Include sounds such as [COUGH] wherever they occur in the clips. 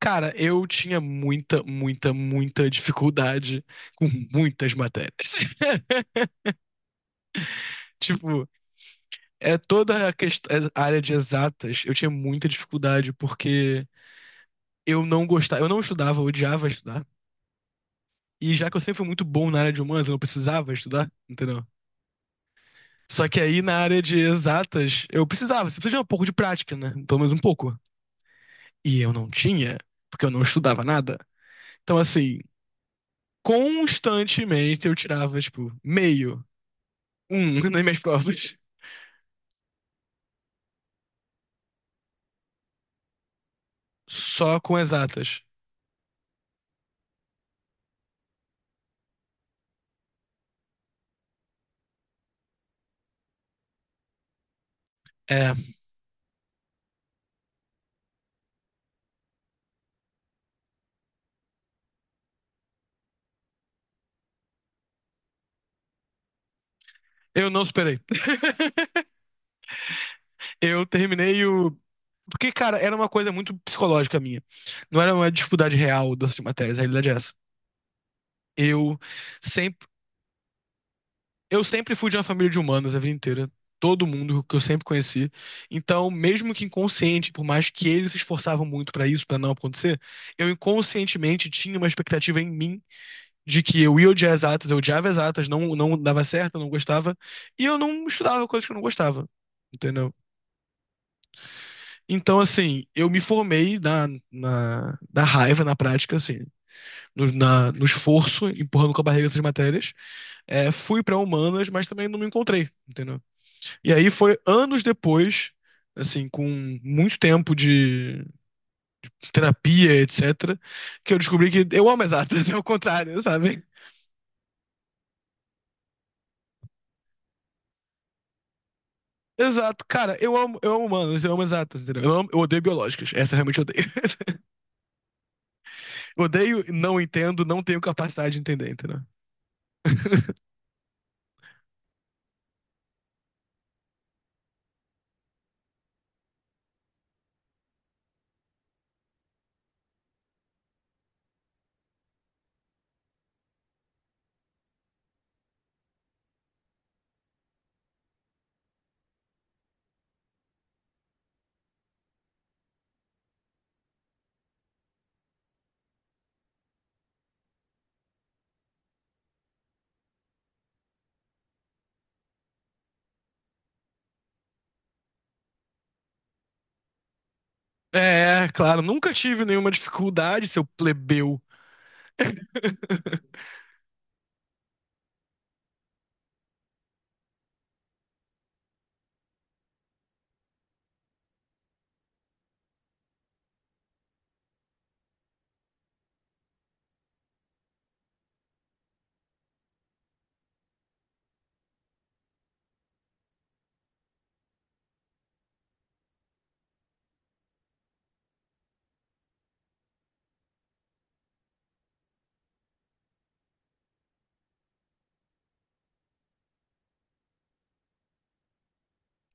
Cara, eu tinha muita, muita, muita dificuldade com muitas matérias. [LAUGHS] Tipo, é toda a, é, a área de exatas, eu tinha muita dificuldade porque eu não gostava, eu não estudava, eu odiava estudar. E já que eu sempre fui muito bom na área de humanas, eu não precisava estudar, entendeu? Só que aí na área de exatas, eu precisava, você precisa de um pouco de prática, né? Pelo menos um pouco. E eu não tinha, porque eu não estudava nada. Então, assim, constantemente eu tirava, tipo, meio um [LAUGHS] nas minhas provas. Só com exatas. É. Eu não superei. [LAUGHS] Eu terminei o. Porque, cara, era uma coisa muito psicológica minha. Não era uma dificuldade real dessas matérias, a realidade é essa. Eu sempre, eu sempre fui de uma família de humanas a vida inteira. Todo mundo que eu sempre conheci. Então, mesmo que inconsciente, por mais que eles se esforçavam muito pra isso, pra não acontecer, eu inconscientemente tinha uma expectativa em mim de que eu ia odiar exatas, eu odiava exatas, não, não dava certo, eu não gostava, e eu não estudava coisas que eu não gostava, entendeu? Então, assim, eu me formei na raiva, na prática, assim, no esforço, empurrando com a barriga essas matérias, é, fui pra humanas, mas também não me encontrei, entendeu? E aí foi anos depois. Assim, com muito tempo de terapia, etc., que eu descobri que eu amo exatas, é o [LAUGHS] contrário, sabe? Exato, cara, eu amo humanos, eu amo exatas, entendeu? Eu odeio biológicas, essa eu realmente odeio. [LAUGHS] Eu odeio, não entendo, não tenho capacidade de entender, entendeu? [LAUGHS] É, claro, nunca tive nenhuma dificuldade, seu plebeu. [LAUGHS]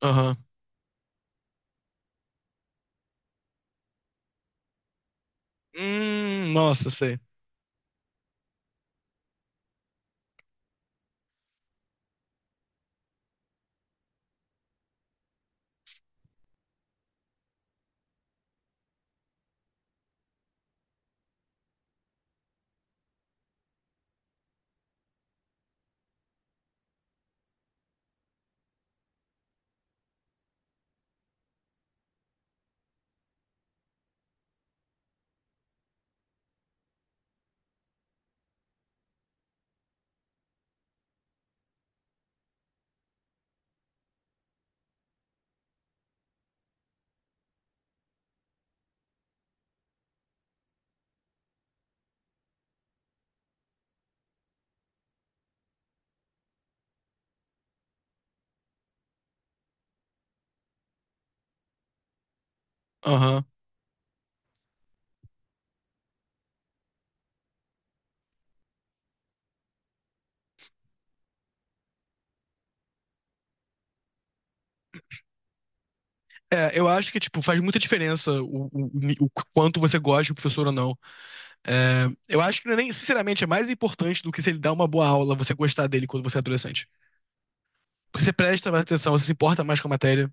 Aham. Nossa, sei. É, eu acho que, tipo, faz muita diferença o, o quanto você gosta do professor ou não. É, eu acho que não é nem, sinceramente, é mais importante do que se ele dá uma boa aula, você gostar dele quando você é adolescente. Porque você presta mais atenção, você se importa mais com a matéria.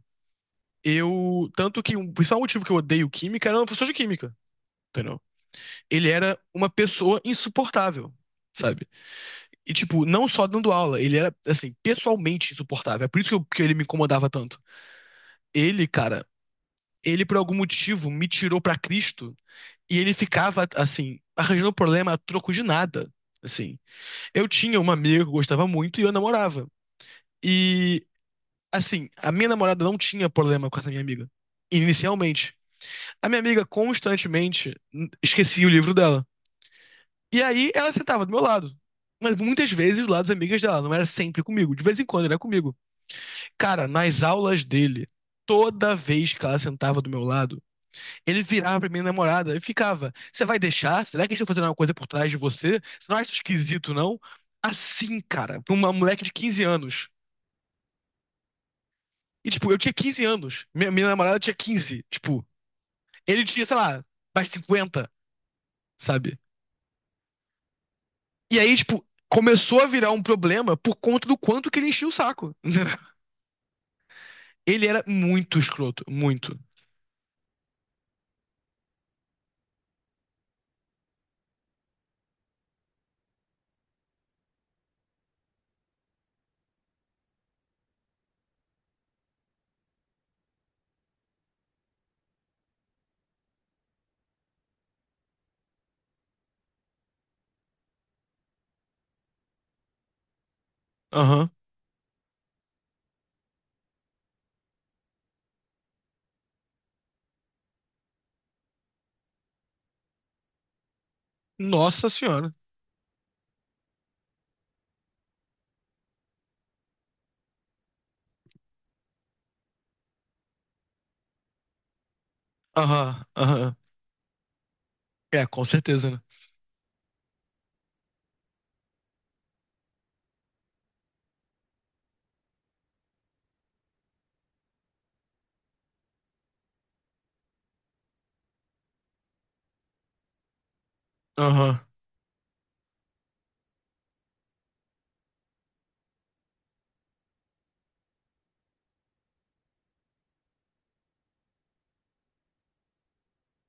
Eu, tanto que um, o principal motivo que eu odeio química era o professor de química, entendeu? Ele era uma pessoa insuportável, sabe? E, tipo, não só dando aula, ele era, assim, pessoalmente insuportável. É por isso que, que ele me incomodava tanto. Ele, cara, ele, por algum motivo, me tirou pra Cristo. E ele ficava, assim, arranjando problema a troco de nada. Assim, eu tinha uma amiga que eu gostava muito e eu namorava. E, assim, a minha namorada não tinha problema com essa minha amiga, inicialmente. A minha amiga constantemente esquecia o livro dela. E aí ela sentava do meu lado. Mas muitas vezes do lado das amigas dela, não era sempre comigo. De vez em quando era comigo. Cara, nas aulas dele, toda vez que ela sentava do meu lado, ele virava pra minha namorada e ficava: "Você vai deixar? Será que eles estão fazendo alguma coisa por trás de você? Você não acha isso esquisito, não?" Assim, cara, pra uma moleque de 15 anos. E, tipo, eu tinha 15 anos. Minha namorada tinha 15. Tipo, ele tinha, sei lá, mais 50, sabe? E aí, tipo, começou a virar um problema por conta do quanto que ele enchia o saco. [LAUGHS] Ele era muito escroto, muito. Aham. Nossa senhora. Aham, aham. É, com certeza, né? Aham.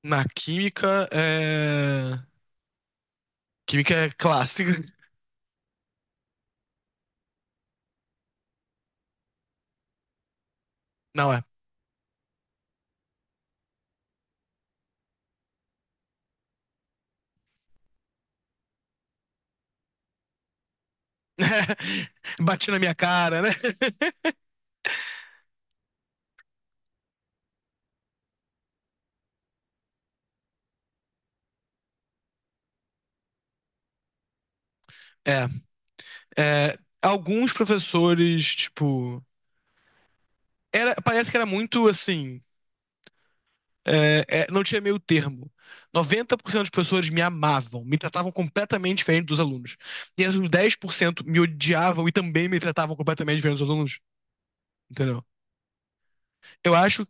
Na química, é. Química é clássica. Não é. [LAUGHS] Bati na minha cara, né? [LAUGHS] É. É, alguns professores, tipo. Era, parece que era muito assim. É, é, não tinha meio termo. 90% dos professores me amavam, me tratavam completamente diferente dos alunos. E os 10% me odiavam e também me tratavam completamente diferente dos alunos. Entendeu? Eu acho.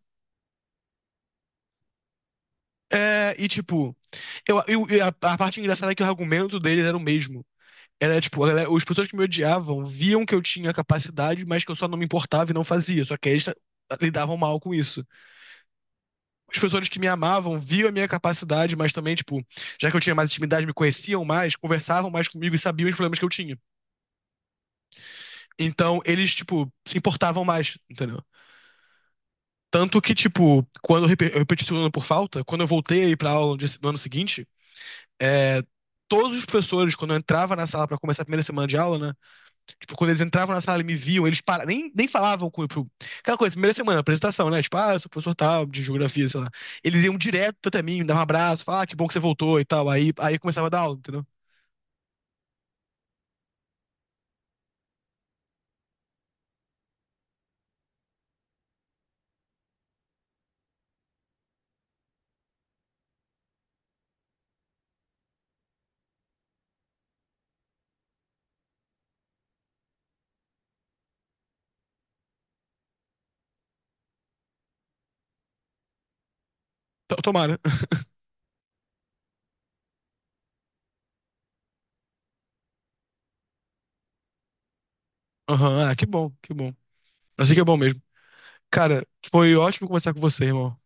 É, e tipo. A parte engraçada é que o argumento deles era o mesmo. Era tipo, os pessoas que me odiavam viam que eu tinha capacidade, mas que eu só não me importava e não fazia. Só que eles lidavam mal com isso. As pessoas que me amavam viam a minha capacidade, mas também, tipo, já que eu tinha mais intimidade, me conheciam mais, conversavam mais comigo e sabiam os problemas que eu tinha. Então, eles, tipo, se importavam mais, entendeu? Tanto que, tipo, quando eu eu repeti o segundo ano por falta, quando eu voltei a ir pra aula no dia se- no ano seguinte, é, todos os professores, quando eu entrava na sala pra começar a primeira semana de aula, né? Tipo, quando eles entravam na sala e me viam, eles nem falavam com. Aquela coisa, primeira semana, apresentação, né? Tipo, ah, eu sou professor tal, de geografia, sei lá. Eles iam direto até mim, me davam um abraço, falavam, ah, que bom que você voltou e tal. Aí começava a dar aula, entendeu? Tomara. [LAUGHS] Aham, ah, que bom, que bom. Assim que é bom mesmo. Cara, foi ótimo conversar com você, irmão.